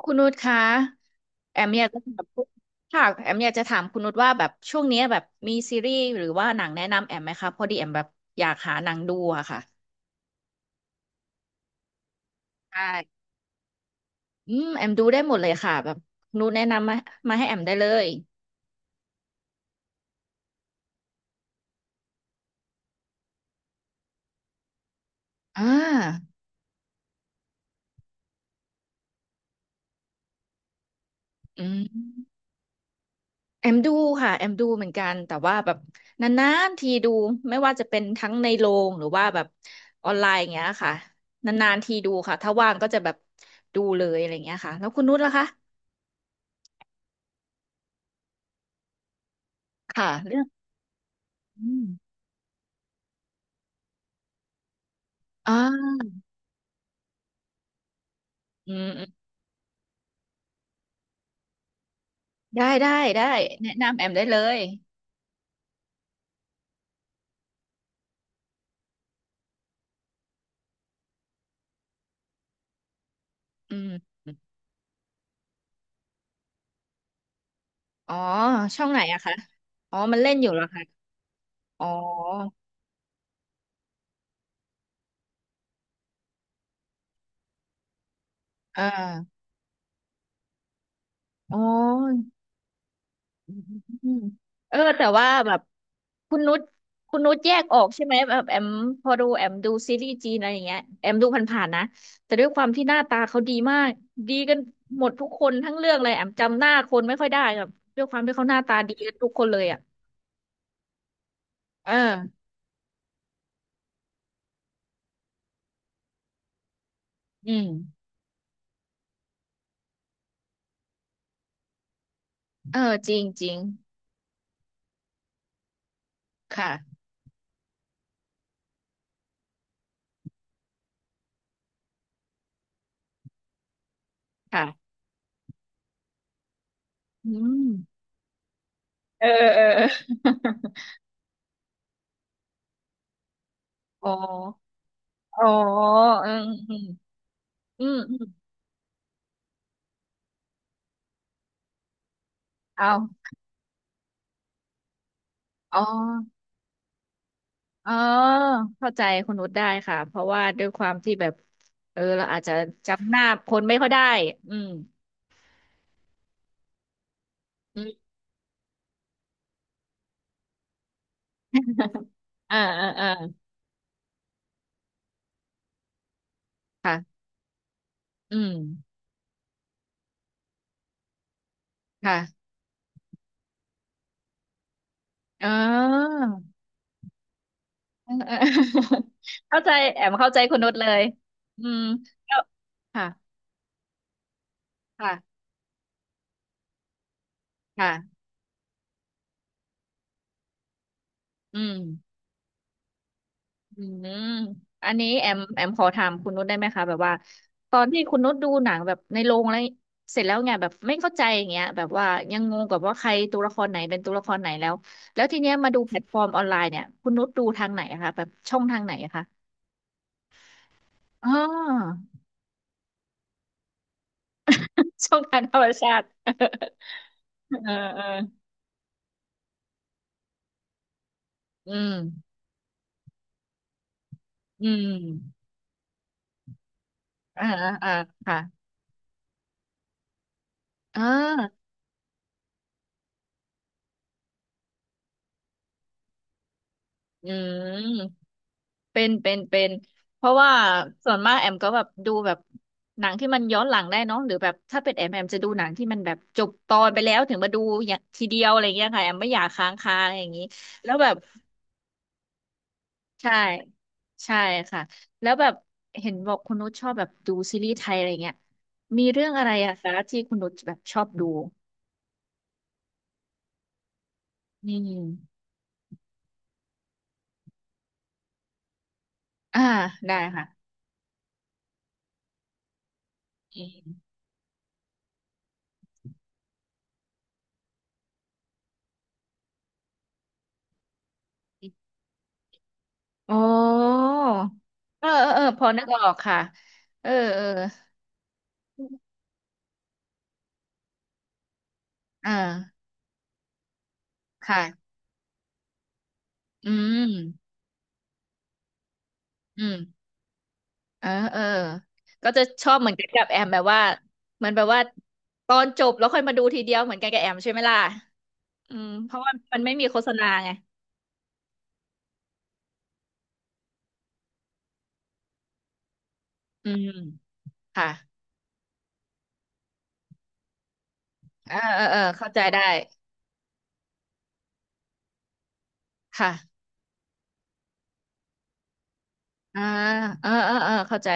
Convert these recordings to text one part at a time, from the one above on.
คุณนุชคะแอมอยากจะถามคณค่ะแอมอยากจะถามคุณนุชว่าแบบช่วงเนี้ยแบบมีซีรีส์หรือว่าหนังแนะนำแอมไหมคะพอดีแอมแบบอยากหาหนังดูอะค่ะใช่อืมแอมดูได้หมดเลยค่ะแบบนุชแนะนำมาให้แอมได้เลยอ่าอืมแอมดูค่ะแอมดูเหมือนกันแต่ว่าแบบนานๆทีดูไม่ว่าจะเป็นทั้งในโรงหรือว่าแบบออนไลน์อย่างเงี้ยค่ะนานๆทีดูค่ะถ้าว่างก็จะแบบดูเลยอะไรอย่างเงี้ยค่ะแล้วคุณนุชล่ะคะค่ะเรื่อง อืมอ่าอืมอืมได้ได้ได้แนะนำแอมได้เลยอืมอ๋อช่องไหนอะคะอ๋อมันเล่นอยู่เหรอคะอ๋ออ่าอ๋อ อืมเออแต่ว่าแบบคุณนุชคุณนุชแยกออกใช่ไหมแบบแอมพอดูแอมดูซีรีส์จีนอะไรอย่างเงี้ยแอมดูผ่านๆนะแต่ด้วยความที่หน้าตาเขาดีมากดีกันหมดทุกคนทั้งเรื่องเลยแอมจำหน้าคนไม่ค่อยได้ครับด้วยความที่เขาหน้าตาดีกันทุกคนเลยอะเอออืมเออจริงจริง ค่ะค่ะอืมเออเออเออ อ๋ออ๋ออืมอืมอืมอืมเอาอ๋ออ๋อเข้าใจคุณนุชได้ค่ะเพราะว่าด้วยความที่แบบเออเราอาจจะจำหน้าคนไม่ค่อยได้อืมอืม อ่าอ่าอ่าค่ะอืมค่ะอ๋อ เออเออ เข้าใจแอมเข้าใจคุณนุชเลยอืมแล้วค่ะค่ะค่ะอืม อืมอันนี้แอมแอมขอถามคุณนุชได้ไหมคะแบบว่าตอนที่คุณนุชดูหนังแบบในโรงอะไรเสร็จแล้วไงแบบไม่เข้าใจอย่างเงี้ยแบบว่ายังงงกับว่าใครตัวละครไหนเป็นตัวละครไหนแล้วทีเนี้ยมาดูแพลตฟอร์มออนไลน์เนี่ยคุณนุชดูทางไหนอะคะแบบช่องทางไหนอะคะอ๋อ ช่องทางธรรมชาติ เออเอออืมอืมอ่าอ่าอ่าค่ะเอ่าอืม เป็นเป็นเป็นเพราะว่าส่วนมากแอมก็แบบดูแบบหนังที่มันย้อนหลังได้เนาะหรือแบบถ้าเป็นแอมแอมจะดูหนังที่มันแบบจบตอนไปแล้วถึงมาดูอย่างทีเดียวอะไรเงี้ยค่ะแอมไม่อยากค้างคาอะไรอย่างนี้แล้วแบบใช่ใช่ค่ะแล้วแบบเห็นบอกคุณนุชชอบแบบดูซีรีส์ไทยอะไรเงี้ยมีเรื่องอะไรอะคะที่คุณนุชแบบชอบดูอืมอ่าได้ค่ะอืมโอ้เออเออเออพอนึกออกค่ะเออเอออ่า ค่ะอืมอืมเออเออก็จะชอบเหมือนกันกับแอมแบบว่ามันแบบว่าตอนจบแล้วค่อยมาดูทีเดียวเหมือนกันกับแอมใช่ไหมล่ะอืมเพราะว่ามันไม่มีโฆษณาไงอืมค่ะเออเออเออเข้าใจได้ค่ะอ่าเออเออเออเข้าใจ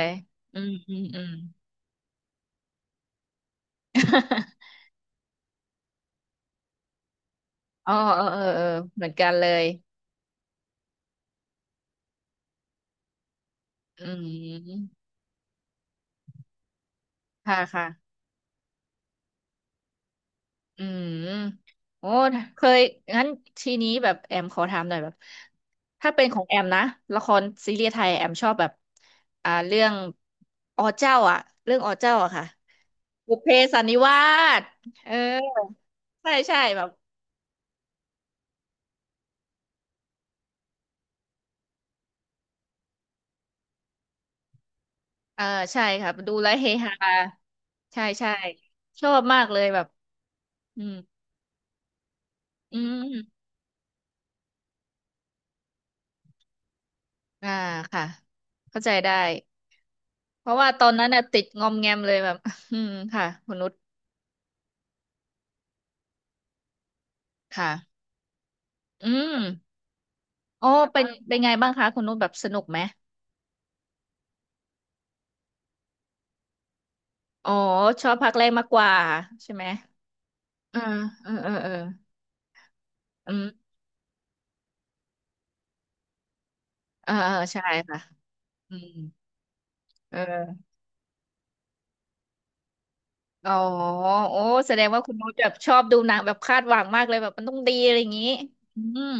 อืมอืมอืม อ๋อเออเออเออเหมือนกันเลยอืมค่ะค่ะ อืมโอ้เคยงั้นทีนี้แบบแอมขอถามหน่อยแบบถ้าเป็นของแอมนะละครซีรีส์ไทยแอมชอบแบบเรื่องอเจ้าอ่ะเรื่องอเจ้าอะค่ะบุพเพสันนิวาสเออใช่ใช่แบบเออใช่ครับดูแล้วเฮฮาใช่ใช่ชอบมากเลยแบบอืมอืมอ่าค่ะเข้าใจได้เพราะว่าตอนนั้นน่ะติดงอมแงมเลยแบบ อืมค่ะคุณนุชค่ะอืม อ๋อเป็นเป็นไงบ้างคะ คุณนุชแบบสนุกไหมอ๋อชอบภาคแรกมากกว่าใช่ไหมเออเออเออเอออืมเออเออใช่ค่ะอืมเอออ๋อโอ้แสดงว่าคุณนุชแบบชอบดูหนังแบบคาดหวังมากเลยแบบมันต้องดีอะไรอย่างนี้อืม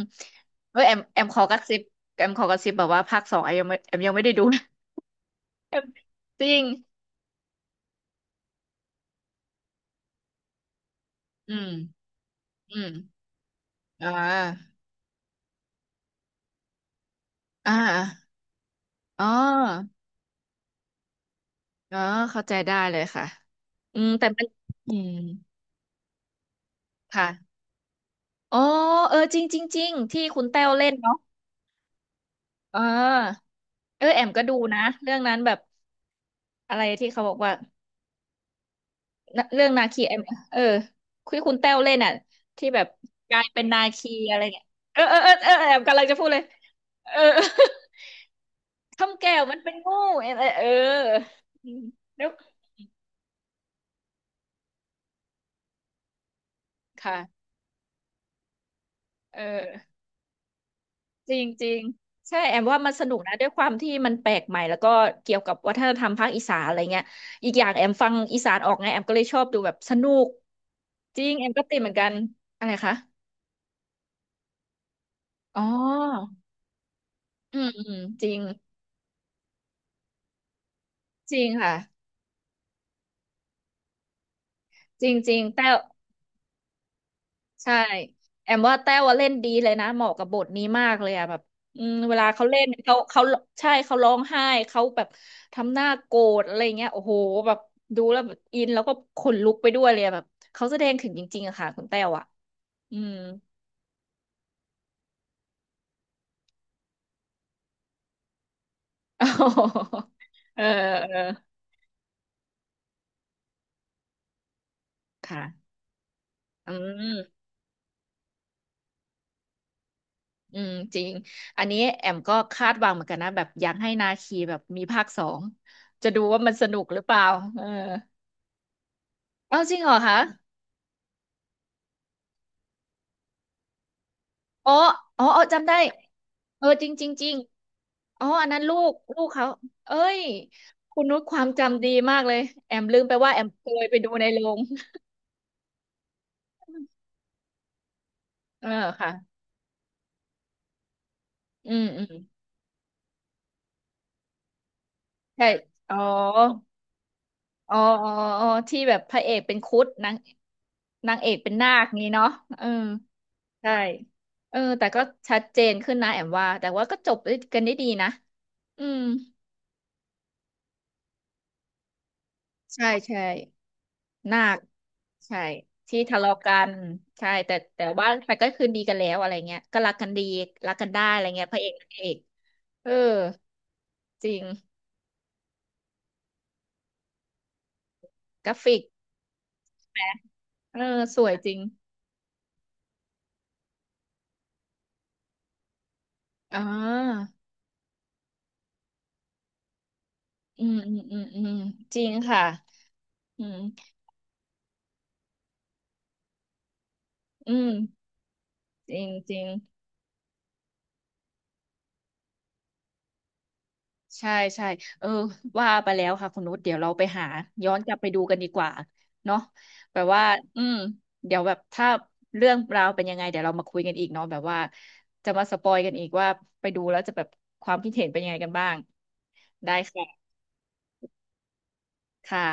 เออแอมแอมขอกระซิบแอมขอกระซิบแบบว่าภาคสองแอมยังไม่แอมยังไม่ได้ดูนะ แอมจริงอืมอืมอ่าอ่าอ๋ออ๋อเข้าใจได้เลยค่ะอืมแต่มันอืม ค่ะอ๋อเออจริงจริงจริงที่คุณแต้วเล่นเนาะเออเออแอมก็ดูนะเรื่องนั้นแบบอะไรที่เขาบอกว่านะเรื่องนาคีแอมเออคุยคุณแต้วเล่นอ่ะที่แบบกลายเป็นนาคีอะไรเนี่ยเออเออเออเออแอมกำลังจะพูดเลยเออ คำแก้วมันเป็นงูเออเออเออแล้วค่ะเออ จริงจริงใช่แอมว่ามันสนุกนะด้วยความที่มันแปลกใหม่แล้วก็เกี่ยวกับวัฒนธรรมภาคอีสานอะไรเงี้ยอีกอย่างแอมฟังอีสานออกไงแอมก็เลยชอบดูแบบสนุกจริงแอมก็ติดเหมือนกันอะไรคะอ๋ออืมอืมจริงจริงค่ะจริงจริงแต่ ใช่แอมว่าแต้วอะเล่นดีเลยนะเหมาะกับบทนี้มากเลยอะแบบอืมเวลาเขาเล่นเขาเขาใช่เขาร้องไห้เขาแบบทำหน้าโกรธอะไรเงี้ยโอ้โหแบบดูแล้วแบบอินแล้วก็ขนลุกไปด้วยเลยอะแบบเขาแสดงถึงจริงๆอะค่ะคุณแต้วอะอืม โอ้โหเออเออค่ะอืมอืมจริงอันนี้แอมก็คาดหวังเหมือนกันนะแบบอยากให้นาคีแบบมีภาคสองจะดูว่ามันสนุกหรือเปล่าเออเอ้าจริงเหรอคะ อ๋ออ๋อเออจำได้เออจริงจริงจริงอ๋ออันนั้นลูกลูกเขา เอ้ย คุณนุชความจำดีมากเลยแอมลืมไปว่าแอมเคยไปดูในโรงเออค่ะอืมอืมใช่อ๋ออ๋อ อ๋ออ๋อ ที่แบบพระเอกเป็นครุฑนางนางเอกเป็นนาคงี้เนาะเออใช่เออแต่ก็ชัดเจนขึ้นนะแอมว่าแต่ว่าก็จบด้วยกันได้ดีนะ อืมใช่ใช่ นาคใช่ที่ทะเลาะกันใช่แต่แต่ว่ามันก็คืนดีกันแล้วอะไรเงี้ยก็รักกันดีรักกันได้อะไรเงี้ยพระเอกนางเอกเออจริงกราฟิกแหเออสวยจริงอ๋ออืมอืมอืมอืมจริงค่ะอืมอืมจริงจริง ใช่ใช่เออว่าไปแล้วค่ะคุณนุชเดี๋ยวเราไปหาย้อนกลับไปดูกันดีกว่าเนาะแบบว่าอืมเดี๋ยวแบบถ้าเรื่องราวเป็นยังไงเดี๋ยวเรามาคุยกันอีกเนาะแบบว่าจะมาสปอยกันอีกว่าไปดูแล้วจะแบบความคิดเห็นเป็นยังไงกันบ้างได้ค่ะค่ะ